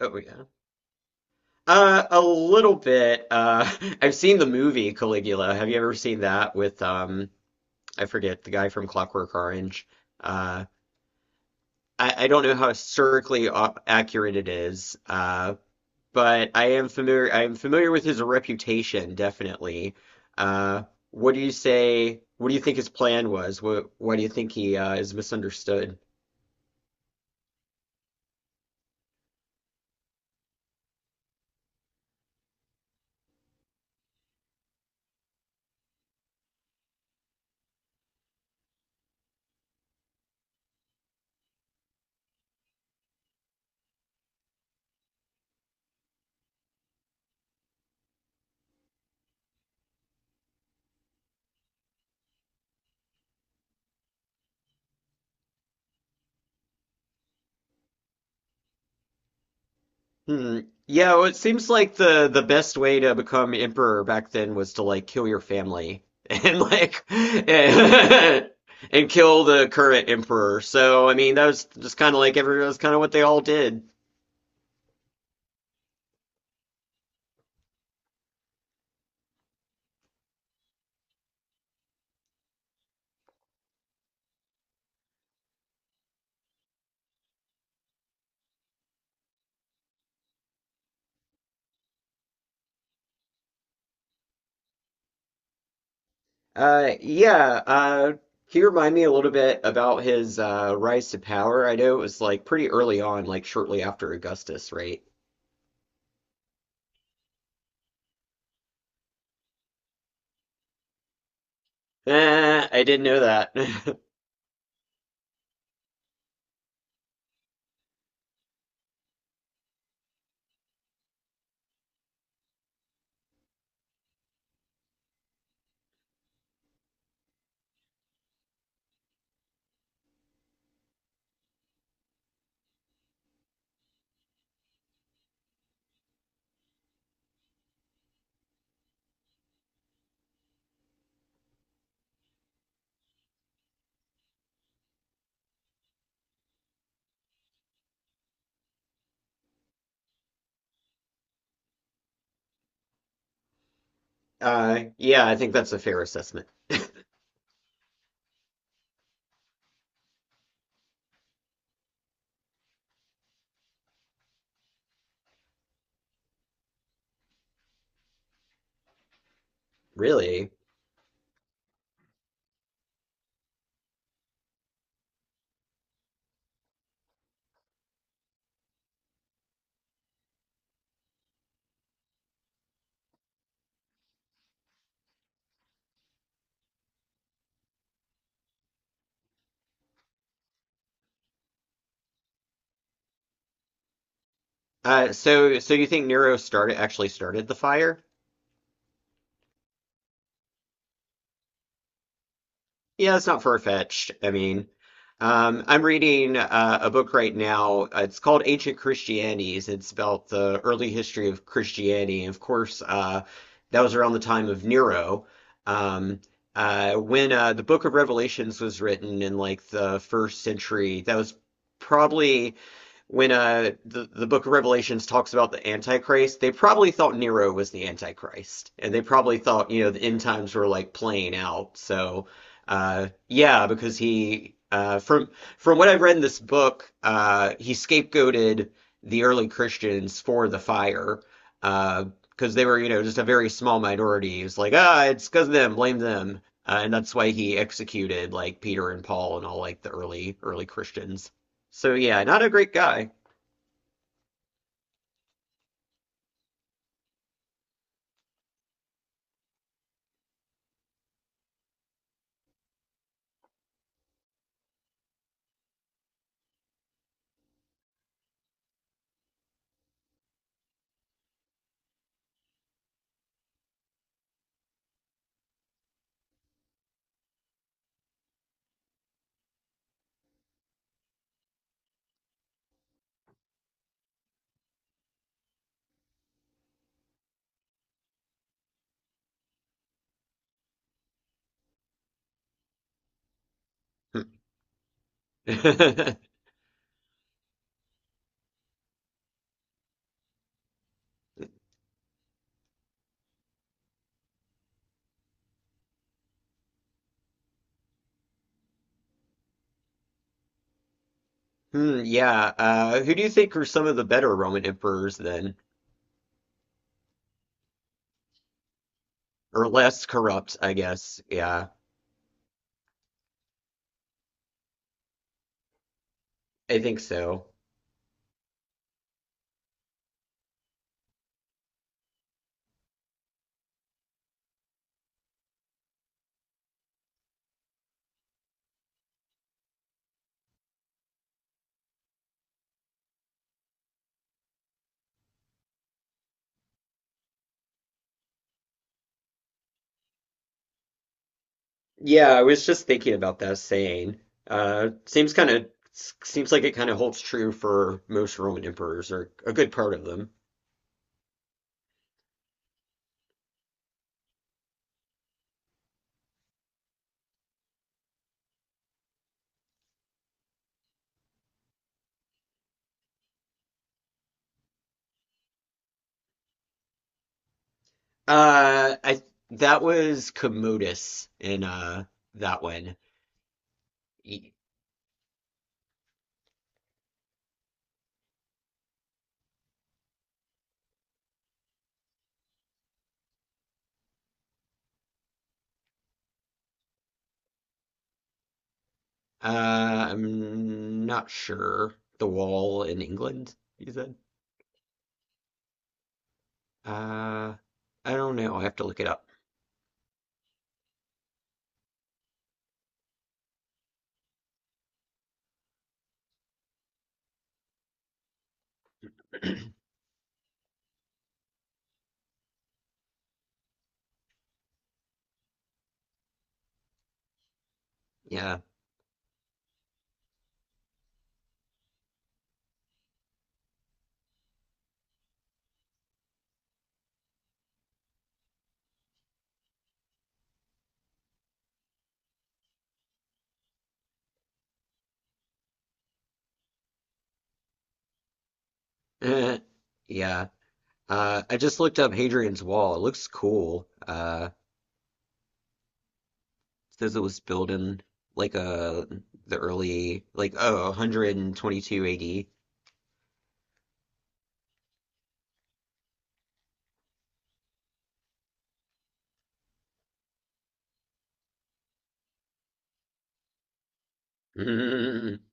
Oh yeah. A little bit. I've seen the movie Caligula. Have you ever seen that with I forget the guy from Clockwork Orange. Uh, I don't know how accurate it is. But I am familiar. I am familiar with his reputation, definitely. Uh, what do you say? What do you think his plan was? What Why do you think he is misunderstood? Hmm. Yeah, well, it seems like the best way to become emperor back then was to like kill your family and like kill the current emperor. So I mean, that was just kind of like every that's kind of what they all did. Yeah. Can you remind me a little bit about his rise to power? I know it was like pretty early on, like shortly after Augustus, right? Eh, I didn't know that. Yeah, I think that's a fair assessment. Really? So you think Nero started actually started the fire? Yeah, it's not far-fetched. I mean, I'm reading a book right now. It's called Ancient Christianities. It's about the early history of Christianity. And of course, that was around the time of Nero. Um, when the Book of Revelations was written in like the first century, that was probably when the book of Revelations talks about the Antichrist, they probably thought Nero was the Antichrist. And they probably thought, you know, the end times were like playing out. So yeah, because he from what I've read in this book, he scapegoated the early Christians for the fire. Uh because they were, you know, just a very small minority. He was like, ah, it's because of them, blame them. And that's why he executed like Peter and Paul and all like the early Christians. So yeah, not a great guy. Hmm, yeah. Who do you think are some of the better Roman emperors then? Or less corrupt, I guess. Yeah, I think so. Yeah, I was just thinking about that saying. Uh, seems kind of seems like it kind of holds true for most Roman emperors, or a good part of them. I that was Commodus in that one. Y- I'm not sure. The wall in England, you said? Uh, I don't know. I have to look it up. Yeah. Eh, yeah. I just looked up Hadrian's Wall. It looks cool. It says it was built in like uh the early oh 122 AD. Mm.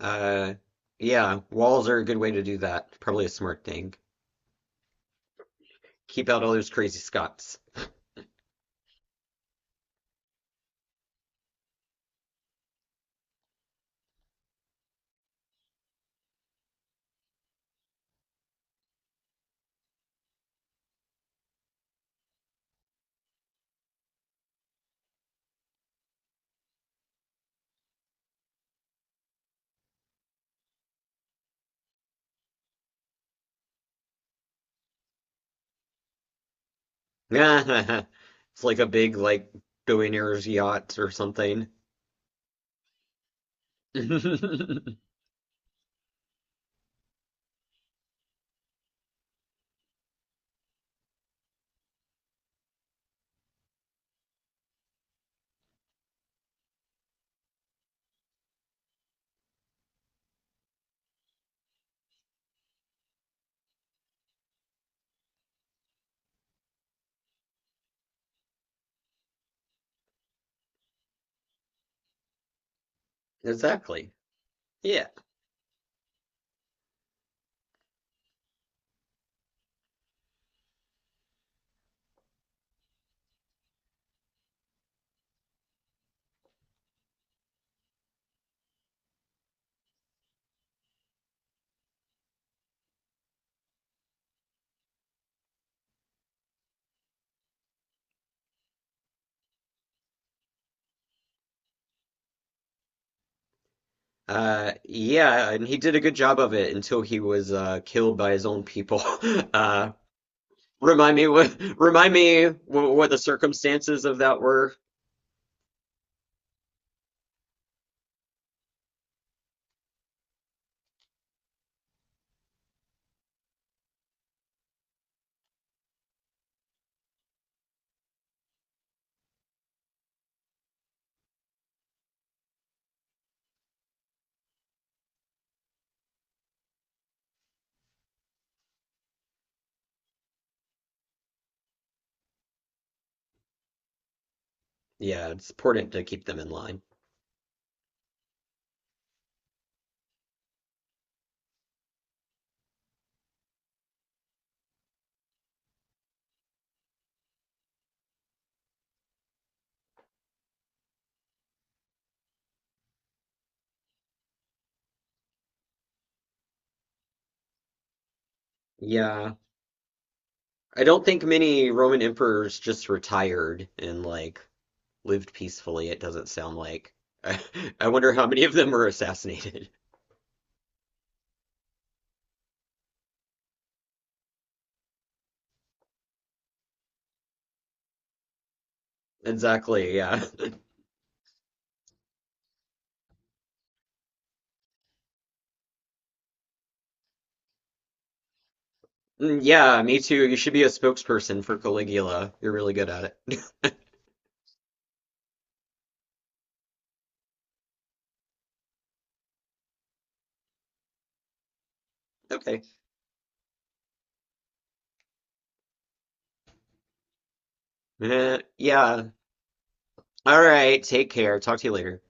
Uh, yeah. Walls are a good way to do that. Probably a smart thing. Keep out all those crazy Scots. It's like a big billionaire's yacht or something. Exactly. Yeah. Yeah, and he did a good job of it until he was killed by his own people. Uh, remind me what the circumstances of that were. Yeah, it's important to keep them in line. Yeah, I don't think many Roman emperors just retired and like lived peacefully. It doesn't sound like. I, I wonder how many of them were assassinated. Exactly, yeah. Yeah, me too. You should be a spokesperson for Caligula. You're really good at it. Okay. Eh, yeah. All right, take care. Talk to you later.